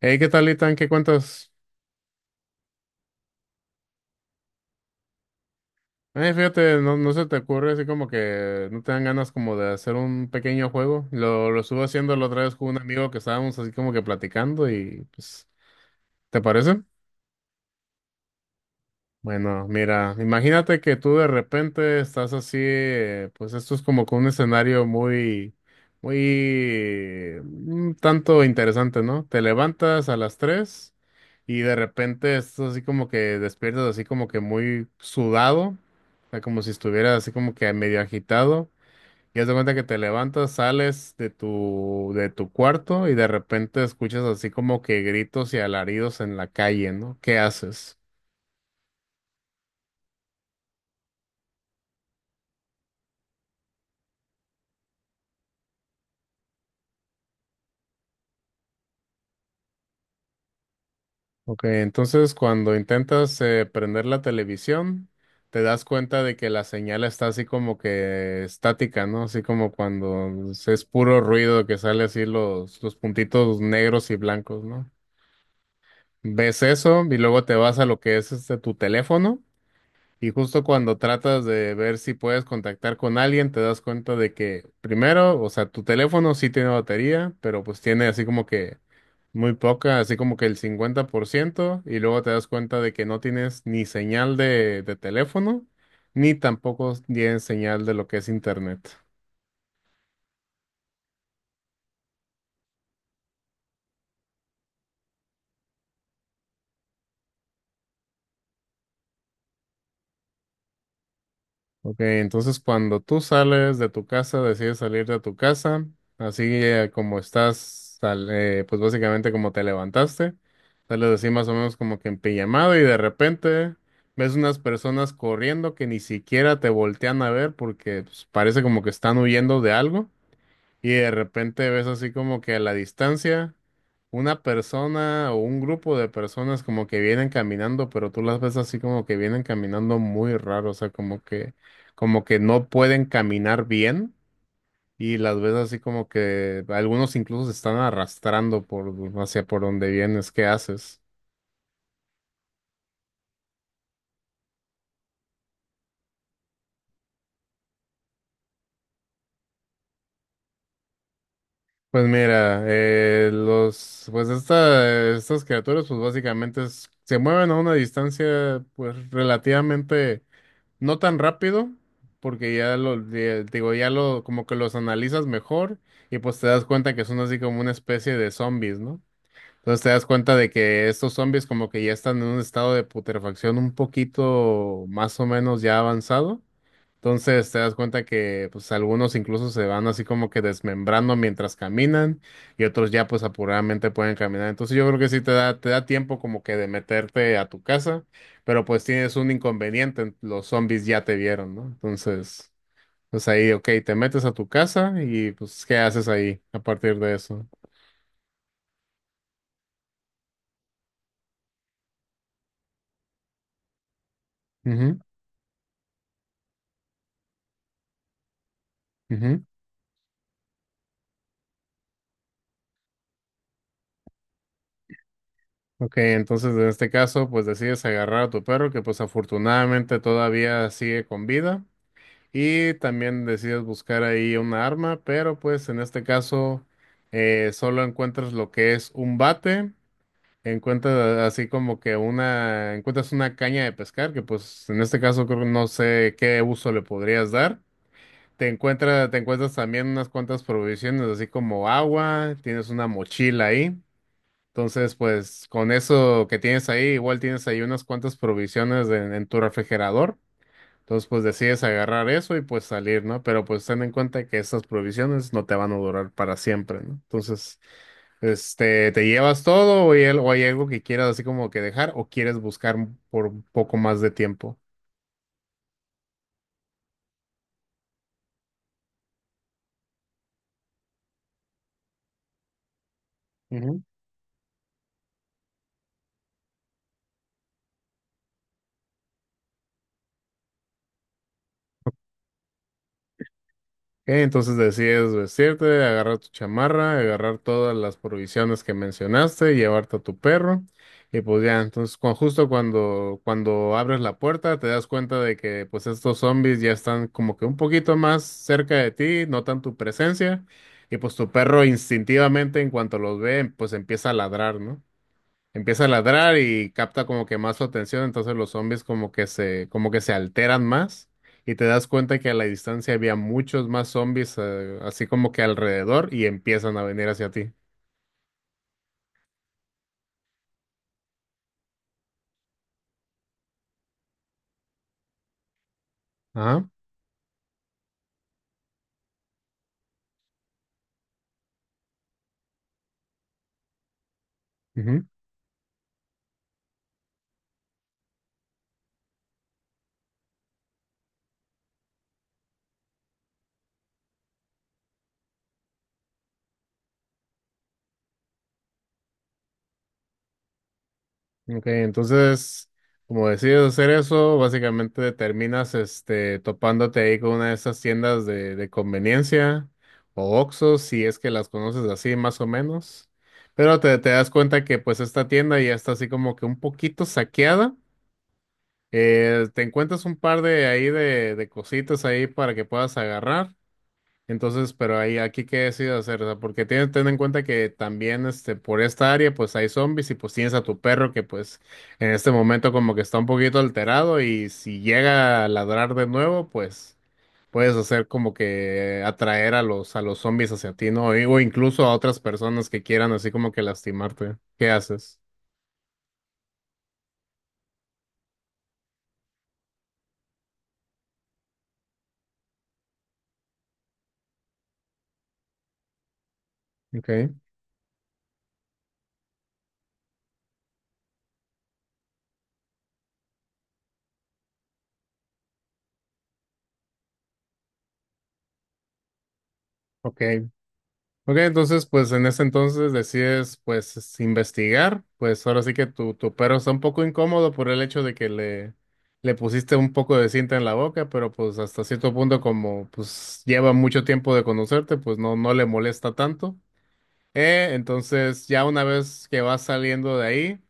Hey, ¿qué tal, Itan? ¿Qué cuentas? Fíjate, no se te ocurre así como que no te dan ganas como de hacer un pequeño juego. Lo estuve haciendo la otra vez con un amigo que estábamos así como que platicando y pues, ¿te parece? Bueno, mira, imagínate que tú de repente estás así, pues esto es como que un escenario muy, muy, un tanto interesante, ¿no? Te levantas a las 3 y de repente estás así como que despiertas así como que muy sudado, o sea, como si estuvieras así como que medio agitado. Y haz de cuenta que te levantas, sales de de tu cuarto y de repente escuchas así como que gritos y alaridos en la calle, ¿no? ¿Qué haces? Ok, entonces cuando intentas prender la televisión, te das cuenta de que la señal está así como que estática, ¿no? Así como cuando es puro ruido que sale así los puntitos negros y blancos, ¿no? Ves eso y luego te vas a lo que es este tu teléfono. Y justo cuando tratas de ver si puedes contactar con alguien, te das cuenta de que primero, o sea, tu teléfono sí tiene batería, pero pues tiene así como que muy poca, así como que el 50%, y luego te das cuenta de que no tienes ni señal de teléfono, ni tampoco tienes señal de lo que es internet. Ok, entonces cuando tú sales de tu casa, decides salir de tu casa, así como estás, pues básicamente como te levantaste, sales así más o menos como que en pijamado y de repente ves unas personas corriendo que ni siquiera te voltean a ver porque pues, parece como que están huyendo de algo. Y de repente ves así como que a la distancia una persona o un grupo de personas como que vienen caminando, pero tú las ves así como que vienen caminando muy raro, o sea, como que no pueden caminar bien y las ves así como que algunos incluso se están arrastrando por hacia por donde vienes, ¿qué haces? Pues mira, los pues estas criaturas pues básicamente se mueven a una distancia pues relativamente no tan rápido, porque ya lo, digo, ya lo, como que los analizas mejor y pues te das cuenta que son así como una especie de zombies, ¿no? Entonces te das cuenta de que estos zombies como que ya están en un estado de putrefacción un poquito más o menos ya avanzado. Entonces te das cuenta que pues algunos incluso se van así como que desmembrando mientras caminan y otros ya pues apuradamente pueden caminar. Entonces yo creo que sí te da tiempo como que de meterte a tu casa, pero pues tienes un inconveniente, los zombies ya te vieron, ¿no? Entonces, pues ahí, ok, te metes a tu casa y pues ¿qué haces ahí a partir de eso? Ujú, ujú. Ok, entonces en este caso pues decides agarrar a tu perro que pues afortunadamente todavía sigue con vida. Y también decides buscar ahí un arma, pero pues en este caso solo encuentras lo que es un bate, encuentras así como que una, encuentras una caña de pescar, que pues en este caso creo que no sé qué uso le podrías dar. Te encuentras también unas cuantas provisiones, así como agua, tienes una mochila ahí. Entonces, pues con eso que tienes ahí, igual tienes ahí unas cuantas provisiones en tu refrigerador. Entonces, pues decides agarrar eso y pues salir, ¿no? Pero pues ten en cuenta que estas provisiones no te van a durar para siempre, ¿no? Entonces, este, ¿te llevas todo o hay, o hay algo que quieras así como que dejar o quieres buscar por un poco más de tiempo? Ok, entonces decides vestirte, agarrar tu chamarra, agarrar todas las provisiones que mencionaste, llevarte a tu perro. Y pues ya, entonces justo cuando abres la puerta te das cuenta de que pues estos zombies ya están como que un poquito más cerca de ti, notan tu presencia y pues tu perro instintivamente en cuanto los ve pues empieza a ladrar, ¿no? Empieza a ladrar y capta como que más su atención, entonces los zombies como que se alteran más y te das cuenta que a la distancia había muchos más zombies así como que alrededor y empiezan a venir hacia ti. Ajá. Ujú. Ok, entonces, como decides hacer eso, básicamente terminas este topándote ahí con una de esas tiendas de conveniencia o oxxos si es que las conoces así más o menos. Pero te das cuenta que pues esta tienda ya está así como que un poquito saqueada. Te encuentras un par de ahí de cositas ahí para que puedas agarrar. Entonces, pero ahí aquí qué decides hacer, o sea, porque tienes ten en cuenta que también este por esta área pues hay zombies y pues tienes a tu perro que pues en este momento como que está un poquito alterado y si llega a ladrar de nuevo, pues puedes hacer como que atraer a los zombies hacia ti, ¿no? Y- O incluso a otras personas que quieran así como que lastimarte. ¿Qué haces? Okay, ok. Ok, entonces, pues en ese entonces decides, pues, investigar. Pues ahora sí que tu perro está un poco incómodo por el hecho de que le pusiste un poco de cinta en la boca, pero pues hasta cierto punto, como pues lleva mucho tiempo de conocerte, pues no, no le molesta tanto. Entonces, ya una vez que vas saliendo de ahí,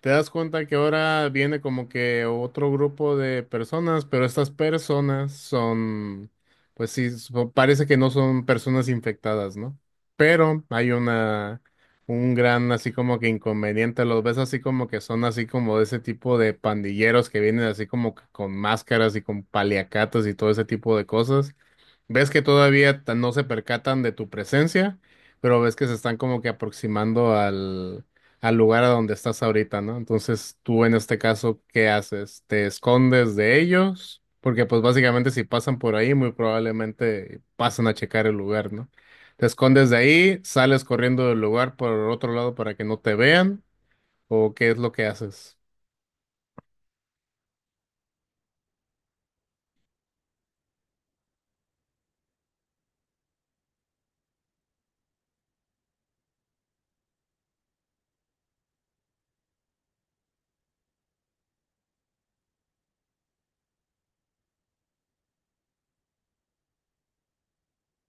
te das cuenta que ahora viene como que otro grupo de personas, pero estas personas son, pues sí, parece que no son personas infectadas, ¿no? Pero hay una, un gran así como que inconveniente, los ves así como que son así como de ese tipo de pandilleros que vienen así como que con máscaras y con paliacatas y todo ese tipo de cosas. Ves que todavía no se percatan de tu presencia, pero ves que se están como que aproximando al, al lugar a donde estás ahorita, ¿no? Entonces, tú en este caso, ¿qué haces? ¿Te escondes de ellos? Porque pues básicamente si pasan por ahí, muy probablemente pasan a checar el lugar, ¿no? ¿Te escondes de ahí? ¿Sales corriendo del lugar por otro lado para que no te vean? ¿O qué es lo que haces?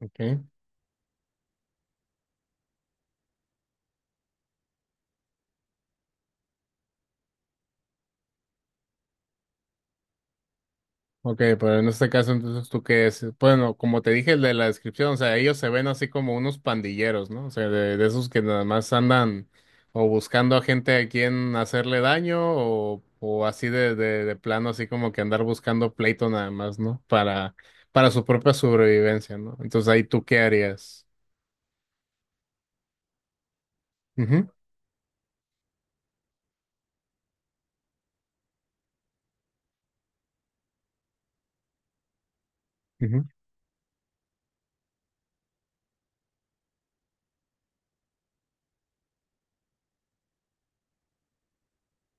Ok. Ok, pero en este caso, entonces, ¿tú qué es? Bueno, como te dije el de la descripción, o sea, ellos se ven así como unos pandilleros, ¿no? O sea, de esos que nada más andan o buscando a gente a quien hacerle daño o así de, de plano, así como que andar buscando pleito nada más, ¿no? Para su propia sobrevivencia, ¿no? Entonces, ahí tú qué harías. Ujú, ujú.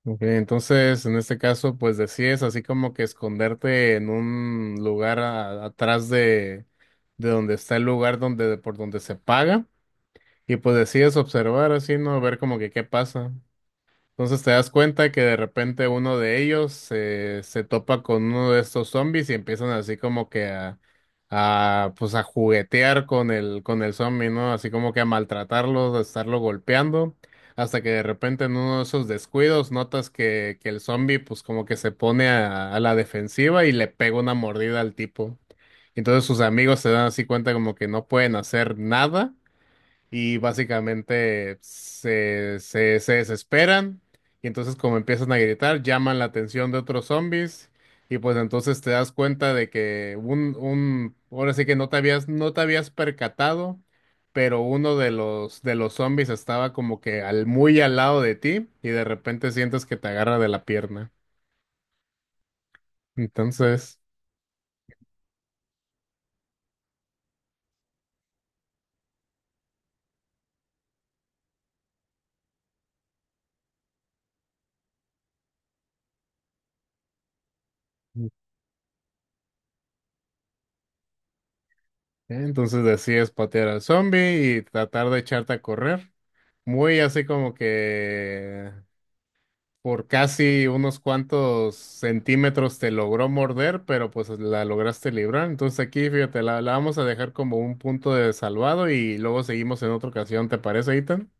Ok, entonces en este caso, pues decides así como que esconderte en un lugar atrás de donde está el lugar donde, por donde se paga, y pues decides observar así, ¿no? Ver como que qué pasa. Entonces te das cuenta que de repente uno de ellos se topa con uno de estos zombies y empiezan así como que a, pues a juguetear con el zombie, ¿no? Así como que a maltratarlo, a estarlo golpeando, hasta que de repente en uno de esos descuidos notas que el zombie pues como que se pone a la defensiva y le pega una mordida al tipo. Entonces sus amigos se dan así cuenta como que no pueden hacer nada y básicamente se desesperan y entonces como empiezan a gritar, llaman la atención de otros zombies y pues entonces te das cuenta de que ahora sí que no te no te habías percatado, pero uno de de los zombies estaba como que al, muy al lado de ti y de repente sientes que te agarra de la pierna. Entonces, entonces decides patear al zombie y tratar de echarte a correr. Muy así como que por casi unos cuantos centímetros te logró morder, pero pues la lograste librar. Entonces aquí, fíjate, la vamos a dejar como un punto de salvado y luego seguimos en otra ocasión. ¿Te parece, Ethan?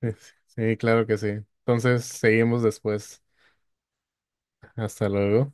Sí, sí, claro que sí. Entonces seguimos después. Hasta luego.